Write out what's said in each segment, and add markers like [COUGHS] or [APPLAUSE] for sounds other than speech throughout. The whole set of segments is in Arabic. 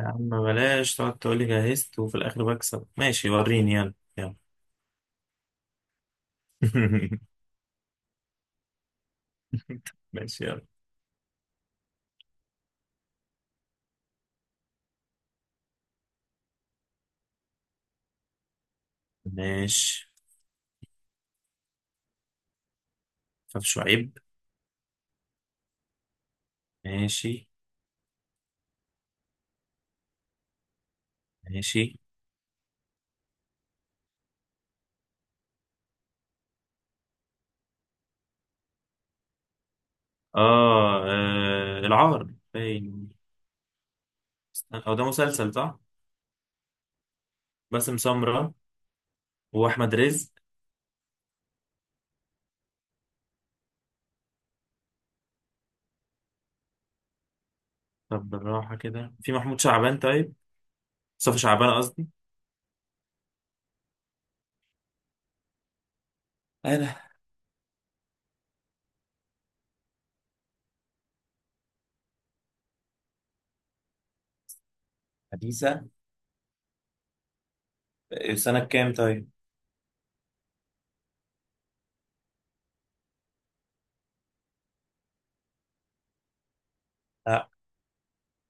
يا عم بلاش تقعد تقولي جهزت وفي الآخر بكسب. ماشي، وريني. يلا يلا. [LAUGHS] ماشي يلا. ماشي، فف شعيب. ماشي ماشي. آه، العار باين. استنى، هو ده مسلسل صح؟ باسم سمرة وأحمد رزق. طب بالراحة كده، في محمود شعبان؟ طيب مصطفى شعبان قصدي. ايه ده؟ حديثة. سنة كام طيب؟ لا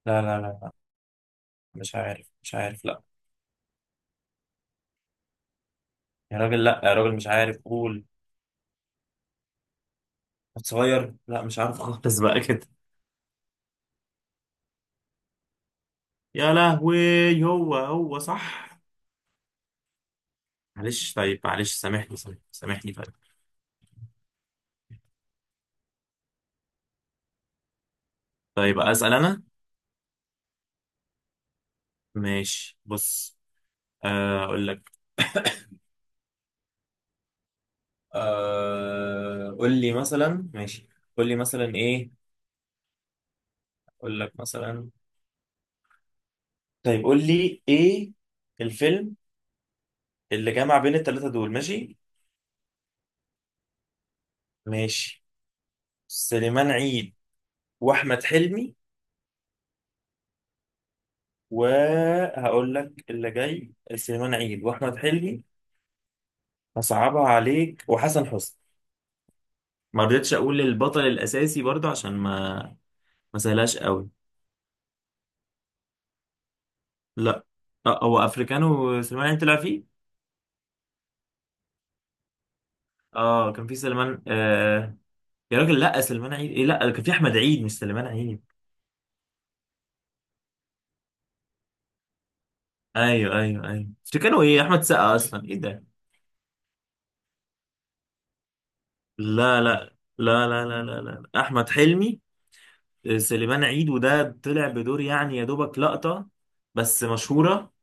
لا، مش عارف لا. يا راجل لا، يا راجل مش عارف، قول. صغير؟ لا مش عارف خالص بقى كده. يا لهوي، هو صح. معلش طيب، معلش، سامحني سامحني سامحني، طيب. طيب اسال انا، ماشي، بص. آه، اقول لك. [COUGHS] آه، قول لي مثلا، ماشي. قول لي مثلا ايه، اقول لك مثلا. طيب قول لي ايه الفيلم اللي جمع بين الثلاثه دول. ماشي ماشي. سليمان عيد واحمد حلمي. وهقول لك اللي جاي، سليمان عيد واحمد حلمي. هصعبها عليك، وحسن حسني. ما رضيتش اقول البطل الاساسي برضه عشان ما سهلاش قوي. لا. آه، هو افريكانو سليمان عيد طلع فيه. اه كان في سليمان، آه. يا راجل لا، سليمان عيد ايه، لا كان في احمد عيد مش سليمان عيد. ايوه ايوه ايوه افريكانو، ايه احمد سقا اصلا، ايه ده. لا. احمد حلمي. آه، سليمان عيد، وده طلع بدور يعني يا دوبك لقطة بس مشهورة.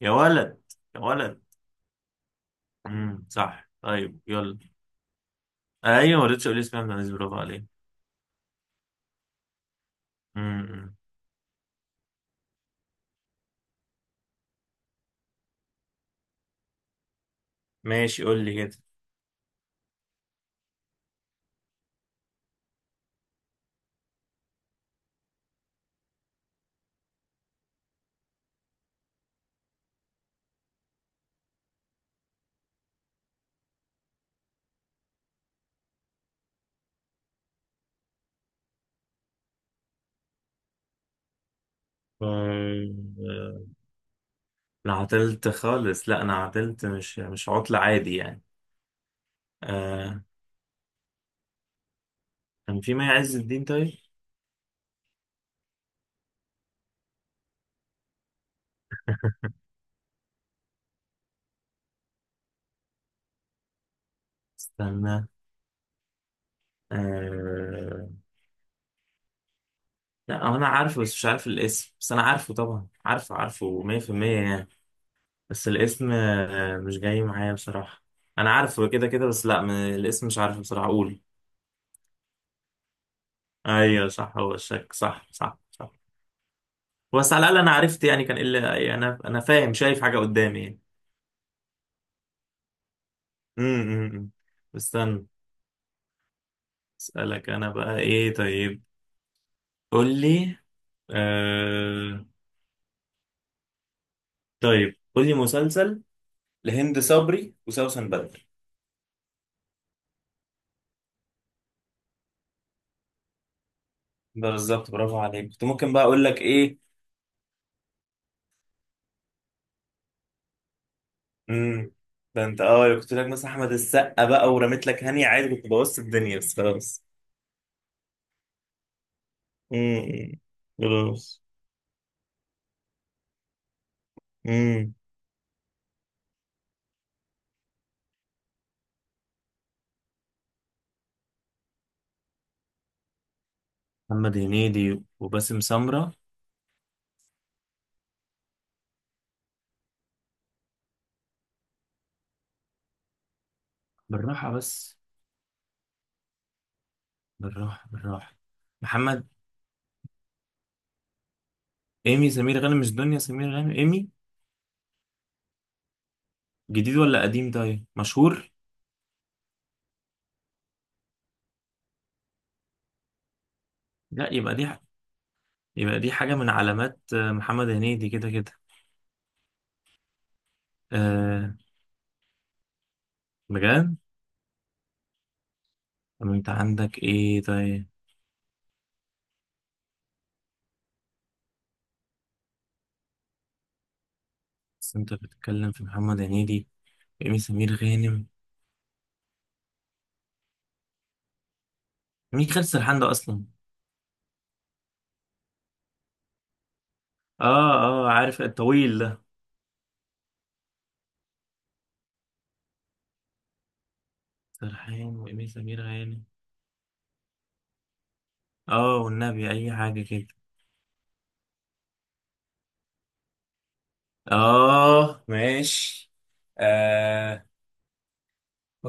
يا ولد، يا ولد. صح، طيب يلا. ايوه ما رضيتش اقول اسمها من، برافو عليك. امم ماشي، قول لي كده. آه، انا عطلت خالص، لا انا عطلت، مش عطل عادي يعني. آه. كان في مي عز الدين طيب. استنى. آه. لا هو انا عارفه بس مش عارف الاسم، بس انا عارفه طبعا، عارفه عارفه 100% يعني. بس الاسم آه مش جاي معايا بصراحة. انا عارفه كده كده، بس لا الاسم مش عارفه بصراحة، قول. ايوه صح، هو الشك، صح صح صح. بس على الاقل انا عرفت يعني، كان الا يعني، انا فاهم، شايف حاجة قدامي يعني. امم استنى، اسالك انا بقى ايه طيب، قول لي. آه... طيب قول لي مسلسل لهند صبري وسوسن بدر. ده بالظبط، برافو عليك، كنت ممكن بقى اقول لك ايه. امم ده انت اه كنت لك مثلا احمد السقا، بقى ورميت لك هاني عادي، كنت بوظت الدنيا بس خلاص. امم خلاص. امم محمد هنيدي وباسم سمرة. بالراحة بس، بالراحة بالراحة. محمد، إيمي سمير غانم مش دنيا سمير غانم، إيمي. جديد ولا قديم؟ طيب مشهور. لا يبقى دي يبقى دي حاجة من علامات آه، محمد هنيدي كده كده. أه، بجد. طب انت عندك ايه طيب؟ بس انت بتتكلم في محمد هنيدي، إيمي سمير غانم. مين خالد سرحان ده اصلا؟ اه اه، عارف الطويل ده. سرحان وإيمي سمير غانم. اه والنبي اي حاجة كده. اه ماشي. آه.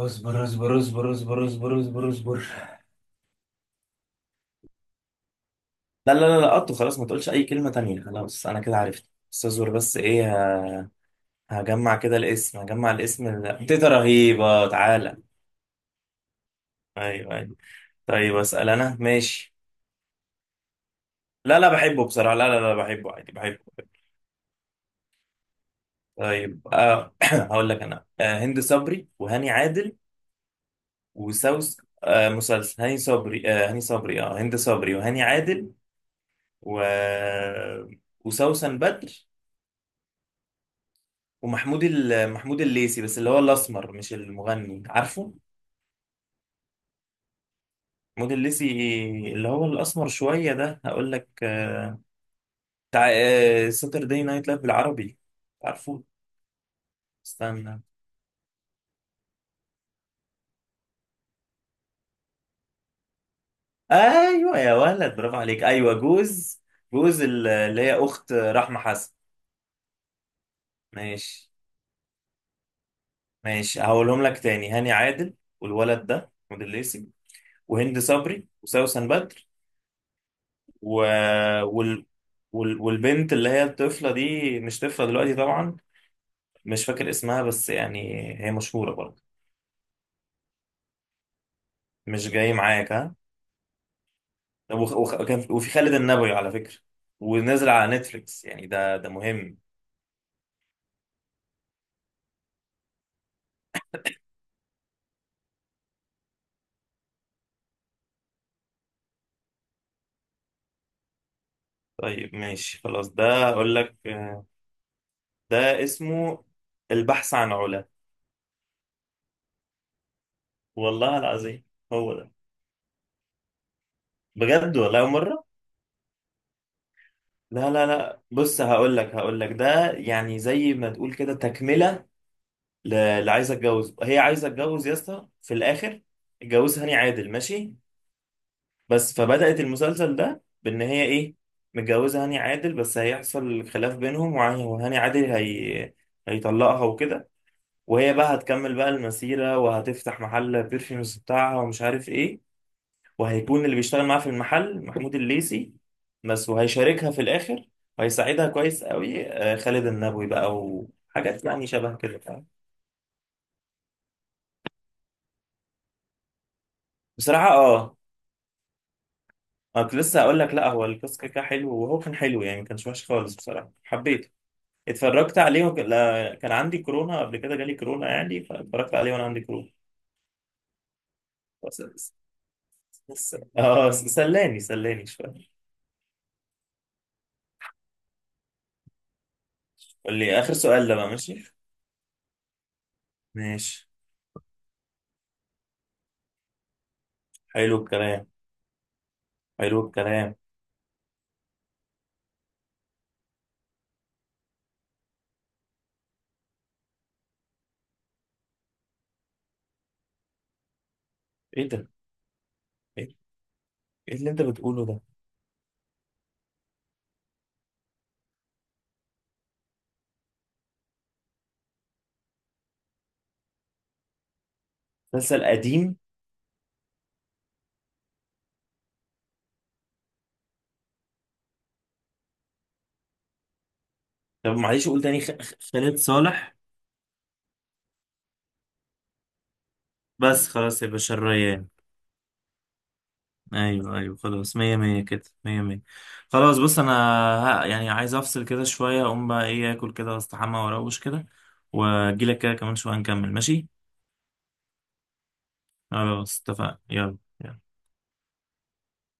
اصبر اصبر اصبر اصبر اصبر اصبر اصبر. لا، لقطته خلاص، ما تقولش اي كلمة تانية خلاص، انا كده عرفت استاذور، بس ايه هجمع كده الاسم، هجمع الاسم تيتا رهيبة تعالى. ايوه ايوه. طيب اسأل انا، ماشي. لا لا، بحبه بصراحة، لا لا لا بحبه عادي، بحبه. طيب آه، [CLEARS THROAT] هقول لك انا آه، هند صبري وهاني عادل وسوس. آه مسلسل، هاني صبري آه، هاني صبري، اه هند صبري وهاني عادل و وسوسن بدر ومحمود محمود الليثي، بس اللي هو الاسمر مش المغني، عارفه؟ موديل ليسي، اللي هو الاسمر شويه ده، هقول لك آه، بتاع آه، ساتردي نايت لايف بالعربي، عارفه؟ استنى. ايوه يا ولد، برافو عليك، ايوه جوز. جوز اللي هي اخت رحمه حسن. ماشي. ماشي، هقولهم لك تاني: هاني عادل، والولد ده موديل ليسي، وهند صبري وسوسن بدر و... وال... وال والبنت اللي هي الطفله دي، مش طفله دلوقتي طبعا، مش فاكر اسمها بس يعني هي مشهوره برضه. مش جاي معاك، ها. وخ- وخ- وكان في- وفي خالد النبوي على فكرة، ونزل على نتفليكس يعني، ده ده مهم. طيب ماشي خلاص، ده اقول لك آه، ده اسمه البحث عن علا. والله العظيم، هو ده. بجد والله أول مرة. لا لا لا، بص هقول لك ده يعني زي ما تقول كده تكملة، اللي عايزة اتجوز، هي عايزة اتجوز يا اسطى في الاخر، اتجوزها هاني عادل، ماشي. بس فبدأت المسلسل ده بإن هي إيه، متجوزة هاني عادل، بس هيحصل خلاف بينهم، وهاني عادل هي... هيطلقها وكده. وهي بقى هتكمل بقى المسيرة، وهتفتح محل بيرفيومز بتاعها ومش عارف إيه، وهيكون اللي بيشتغل معاها في المحل محمود الليثي بس، وهيشاركها في الآخر وهيساعدها كويس قوي آه، خالد النبوي بقى، وحاجات يعني شبه كده، فاهم. بصراحة اه، أنا كنت لسه هقول لك لا هو القصة كده كده حلو، وهو كان حلو يعني ما كانش وحش خالص بصراحة، حبيته. اتفرجت عليه وك... لا... كان عندي كورونا قبل كده، جالي كورونا يعني، فاتفرجت عليه وانا عندي كورونا. بس... اه سلاني سلاني شويه. قول لي اخر سؤال ده بقى، ماشي. ماشي. حلو الكلام، حلو الكلام. ايه ده، ايه، إيه اللي انت بتقوله ده؟ مسلسل قديم. طب معلش قول تاني، خالد صالح. بس خلاص يا باشا، الريان. ايوه ايوه خلاص، مية مية كده، مية مية. خلاص بص انا، ها، يعني عايز افصل كده شوية، اقوم بقى ايه اكل كده واستحمى واروش كده، واجيلك كده كمان شوية نكمل، ماشي. خلاص اتفقنا، يلا يلا.